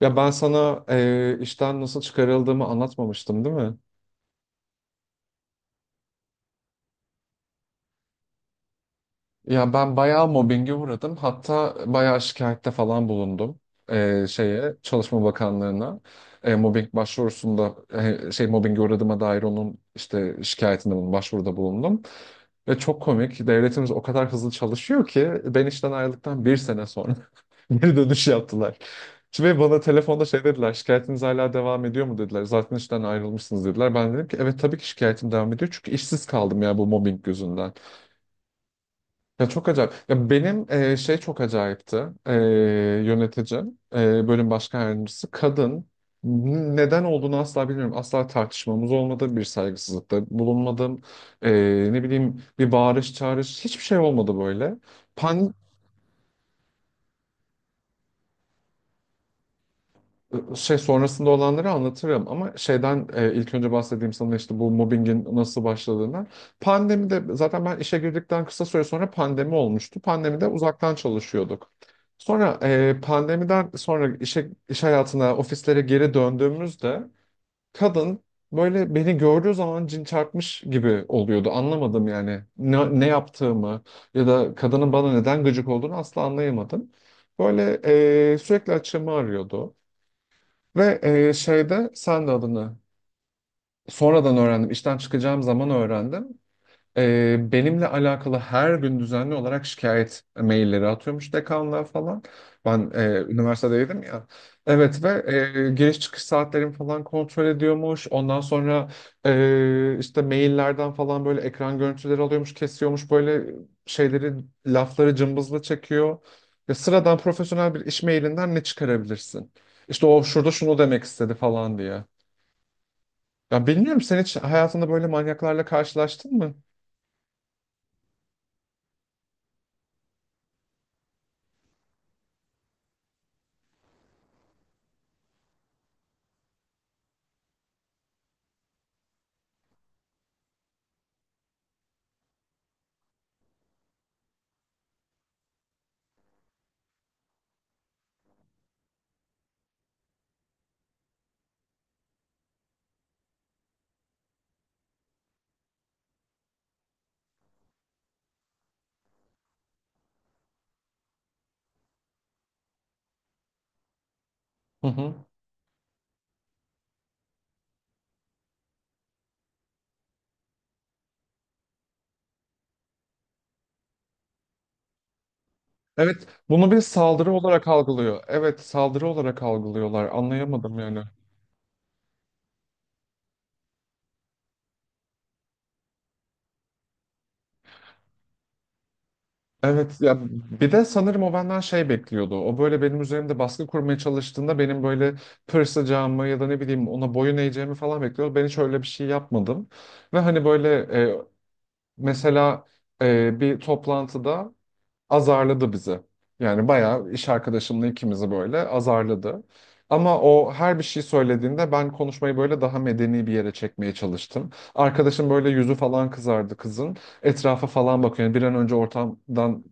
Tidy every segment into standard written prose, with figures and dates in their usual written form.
Ya ben sana işten nasıl çıkarıldığımı anlatmamıştım, değil mi? Ya ben bayağı mobbinge uğradım. Hatta bayağı şikayette falan bulundum. Şeye Çalışma Bakanlığı'na, mobbing başvurusunda, şey mobbinge uğradığıma dair onun işte şikayetinde bulundum, başvuruda bulundum. Ve çok komik. Devletimiz o kadar hızlı çalışıyor ki ben işten ayrıldıktan bir sene sonra geri dönüş yaptılar. Ve bana telefonda şey dediler, şikayetiniz hala devam ediyor mu dediler. Zaten işten ayrılmışsınız dediler. Ben dedim ki evet tabii ki şikayetim devam ediyor. Çünkü işsiz kaldım ya bu mobbing yüzünden. Ya çok acayip. Ya benim şey çok acayipti. E, yöneticim, bölüm başkan yardımcısı kadın. Neden olduğunu asla bilmiyorum. Asla tartışmamız olmadı. Bir saygısızlıkta bulunmadım. E, ne bileyim, bir bağırış çağırış hiçbir şey olmadı böyle. Şey sonrasında olanları anlatırım ama şeyden ilk önce bahsedeyim sana işte bu mobbingin nasıl başladığından. Pandemide zaten ben işe girdikten kısa süre sonra pandemi olmuştu. Pandemide uzaktan çalışıyorduk. Sonra pandemiden sonra işe, iş hayatına, ofislere geri döndüğümüzde kadın böyle beni gördüğü zaman cin çarpmış gibi oluyordu. Anlamadım yani ne yaptığımı ya da kadının bana neden gıcık olduğunu asla anlayamadım. Böyle sürekli açığımı arıyordu. Ve şeyde sen de adını sonradan öğrendim. İşten çıkacağım zaman öğrendim. Benimle alakalı her gün düzenli olarak şikayet mailleri atıyormuş dekanlığa falan. Ben üniversitedeydim ya. Evet ve giriş çıkış saatlerimi falan kontrol ediyormuş. Ondan sonra işte maillerden falan böyle ekran görüntüleri alıyormuş, kesiyormuş. Böyle şeyleri, lafları cımbızla çekiyor. Ya sıradan profesyonel bir iş mailinden ne çıkarabilirsin? İşte o şurada şunu demek istedi falan diye. Ya bilmiyorum, sen hiç hayatında böyle manyaklarla karşılaştın mı? Hı hı. Evet, bunu bir saldırı olarak algılıyor. Evet, saldırı olarak algılıyorlar. Anlayamadım yani. Evet, ya bir de sanırım o benden şey bekliyordu. O böyle benim üzerimde baskı kurmaya çalıştığında benim böyle pırsacağımı ya da ne bileyim ona boyun eğeceğimi falan bekliyordu. Ben hiç öyle bir şey yapmadım. Ve hani böyle, e, mesela bir toplantıda azarladı bizi. Yani bayağı iş arkadaşımla ikimizi böyle azarladı. Ama o her bir şey söylediğinde ben konuşmayı böyle daha medeni bir yere çekmeye çalıştım. Arkadaşım böyle yüzü falan kızardı kızın. Etrafa falan bakıyor. Yani bir an önce ortamdan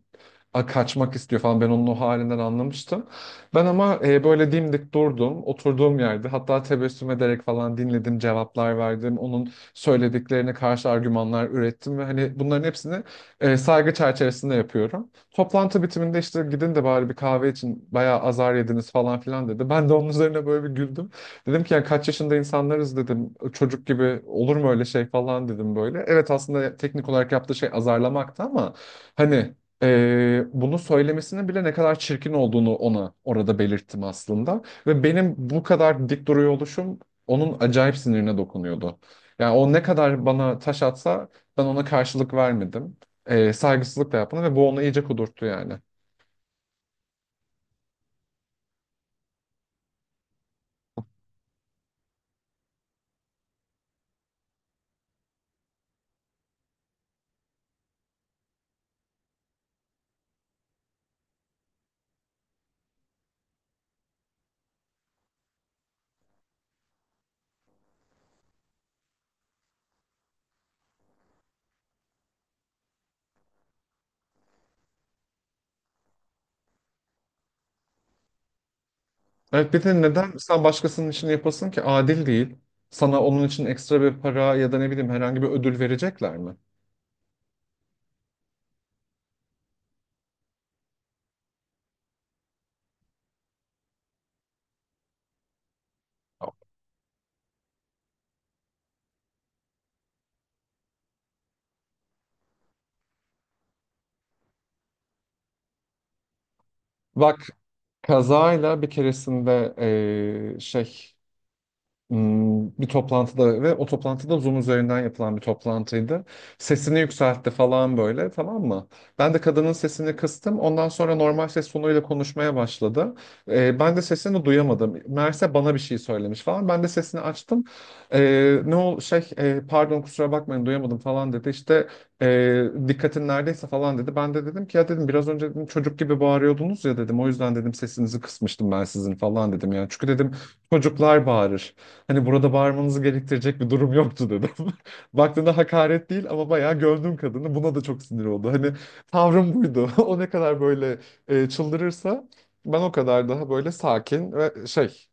kaçmak istiyor falan. Ben onun o halinden anlamıştım. Ben ama böyle dimdik durdum. Oturduğum yerde hatta tebessüm ederek falan dinledim, cevaplar verdim. Onun söylediklerine karşı argümanlar ürettim ve hani bunların hepsini saygı çerçevesinde yapıyorum. Toplantı bitiminde işte gidin de bari bir kahve için, bayağı azar yediniz falan filan dedi. Ben de onun üzerine böyle bir güldüm. Dedim ki ya kaç yaşında insanlarız dedim. Çocuk gibi olur mu öyle şey falan dedim böyle. Evet, aslında teknik olarak yaptığı şey azarlamaktı ama hani bunu söylemesinin bile ne kadar çirkin olduğunu ona orada belirttim aslında. Ve benim bu kadar dik duruyor oluşum onun acayip sinirine dokunuyordu. Yani o ne kadar bana taş atsa ben ona karşılık vermedim. Saygısızlık da yapmadım ve bu onu iyice kudurttu yani. Evet, bir de neden sen başkasının için yapasın ki, adil değil. Sana onun için ekstra bir para ya da ne bileyim herhangi bir ödül verecekler mi? Bak, kazayla bir keresinde şey, bir toplantıda, ve o toplantıda Zoom üzerinden yapılan bir toplantıydı. Sesini yükseltti falan böyle, tamam mı? Ben de kadının sesini kıstım. Ondan sonra normal ses tonuyla konuşmaya başladı. Ben de sesini duyamadım. Meğerse bana bir şey söylemiş falan. Ben de sesini açtım. Ne şey, pardon kusura bakmayın duyamadım falan dedi. İşte dikkatin neredeyse falan dedi. Ben de dedim ki ya dedim biraz önce dedim, çocuk gibi bağırıyordunuz ya dedim. O yüzden dedim sesinizi kısmıştım ben sizin falan dedim. Yani çünkü dedim çocuklar bağırır. Hani burada bağırmanızı gerektirecek bir durum yoktu dedim. Baktığında hakaret değil ama bayağı gömdüm kadını. Buna da çok sinir oldu. Hani tavrım buydu. O ne kadar böyle çıldırırsa, ben o kadar daha böyle sakin ve şey,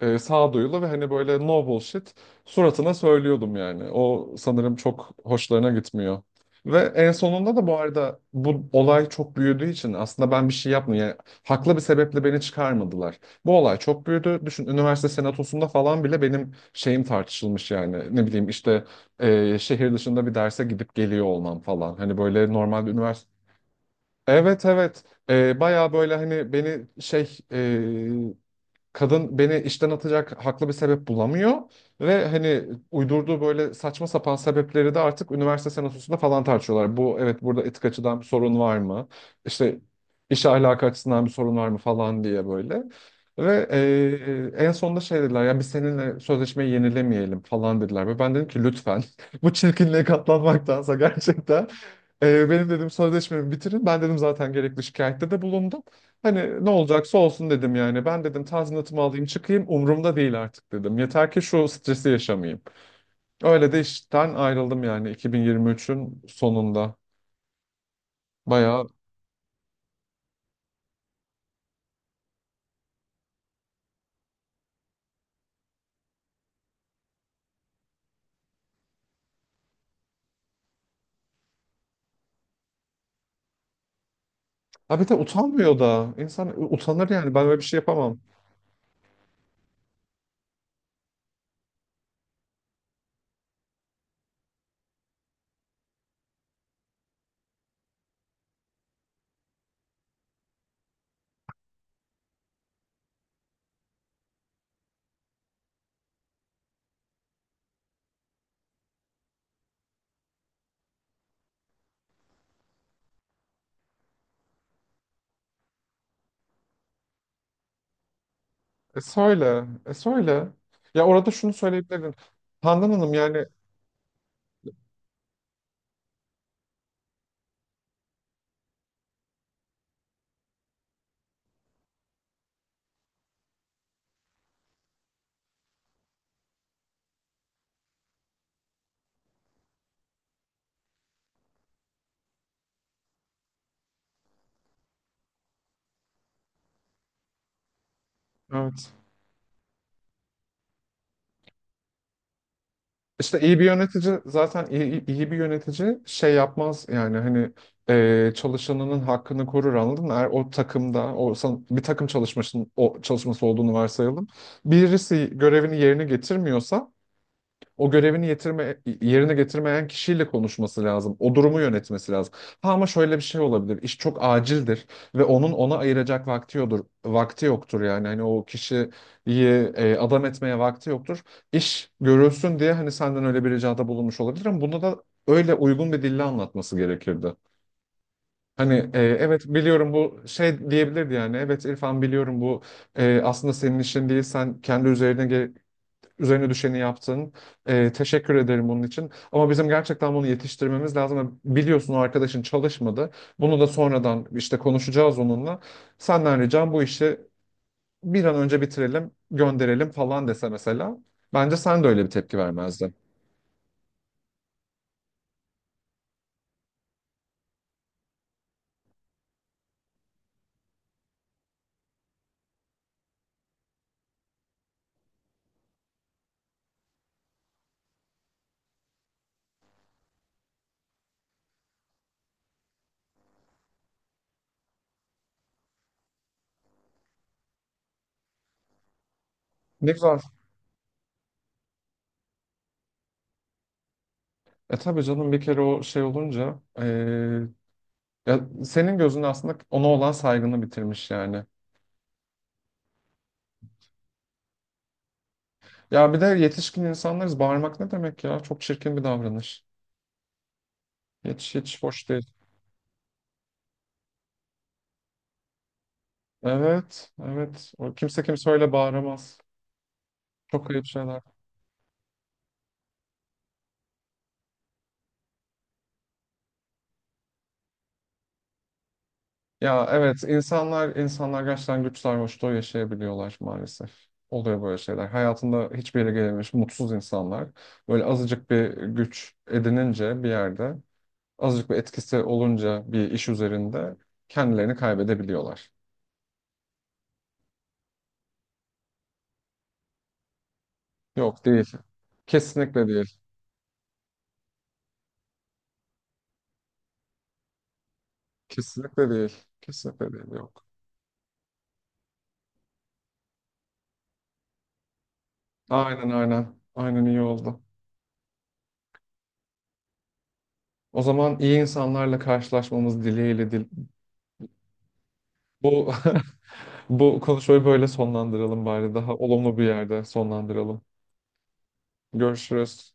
sağduyulu ve hani böyle no bullshit suratına söylüyordum yani. O sanırım çok hoşlarına gitmiyor. Ve en sonunda da, bu arada bu olay çok büyüdüğü için, aslında ben bir şey yapmıyorum. Yani haklı bir sebeple beni çıkarmadılar. Bu olay çok büyüdü. Düşün, üniversite senatosunda falan bile benim şeyim tartışılmış yani. Ne bileyim işte şehir dışında bir derse gidip geliyor olmam falan. Hani böyle normal bir üniversite. Evet, evet. Bayağı böyle hani beni şey. Kadın beni işten atacak haklı bir sebep bulamıyor ve hani uydurduğu böyle saçma sapan sebepleri de artık üniversite senatosunda falan tartışıyorlar. Bu, evet, burada etik açıdan bir sorun var mı? İşte iş ahlakı açısından bir sorun var mı falan diye, böyle. Ve en sonunda şey dediler, ya biz seninle sözleşmeyi yenilemeyelim falan dediler. Ve ben dedim ki lütfen, bu çirkinliğe katlanmaktansa gerçekten benim dedim sözleşmemi bitirin. Ben dedim zaten gerekli şikayette de bulundum. Hani ne olacaksa olsun dedim yani. Ben dedim tazminatımı alayım çıkayım, umurumda değil artık dedim. Yeter ki şu stresi yaşamayayım. Öyle de işten ayrıldım, yani 2023'ün sonunda. Bayağı. Ha bir de utanmıyor da. İnsan utanır yani, ben böyle bir şey yapamam. E söyle. E söyle. Ya orada şunu söyleyebilirdin. Handan Hanım yani, evet. İşte iyi bir yönetici zaten, iyi bir yönetici şey yapmaz yani, hani çalışanının hakkını korur, anladın mı? Eğer o takımda bir takım çalışmasının o çalışması olduğunu varsayalım. Birisi görevini yerine getirmiyorsa, yerine getirmeyen kişiyle konuşması lazım. O durumu yönetmesi lazım. Ha ama şöyle bir şey olabilir. İş çok acildir ve onun ona ayıracak vakti yoktur. Vakti yoktur yani. Hani o kişiyi adam etmeye vakti yoktur. İş görülsün diye hani senden öyle bir ricada bulunmuş olabilir ama bunu da öyle uygun bir dille anlatması gerekirdi. Hani evet biliyorum bu şey diyebilirdi yani. Evet İrfan, biliyorum bu aslında senin işin değil. Sen üzerine düşeni yaptın. Teşekkür ederim bunun için. Ama bizim gerçekten bunu yetiştirmemiz lazım. Biliyorsun, o arkadaşın çalışmadı. Bunu da sonradan işte konuşacağız onunla. Senden ricam bu işi bir an önce bitirelim, gönderelim falan dese mesela. Bence sen de öyle bir tepki vermezdin. Ne güzel. E tabii canım, bir kere o şey olunca, ya senin gözünde aslında ona olan saygını bitirmiş yani. Ya bir de yetişkin insanlarız. Bağırmak ne demek ya? Çok çirkin bir davranış. Hiç hiç hoş değil. Evet, evet. O kimse öyle bağıramaz. Çok ayıp şeyler. Ya evet, insanlar gerçekten güç sarhoşluğu yaşayabiliyorlar maalesef. Oluyor böyle şeyler. Hayatında hiçbir yere gelememiş mutsuz insanlar. Böyle azıcık bir güç edinince bir yerde, azıcık bir etkisi olunca bir iş üzerinde kendilerini kaybedebiliyorlar. Yok değil. Kesinlikle değil. Kesinlikle değil. Kesinlikle değil. Yok. Aynen, aynen. Aynen, iyi oldu. O zaman iyi insanlarla karşılaşmamız dileğiyle Bu bu konuşmayı böyle sonlandıralım bari. Daha olumlu bir yerde sonlandıralım. Görüşürüz.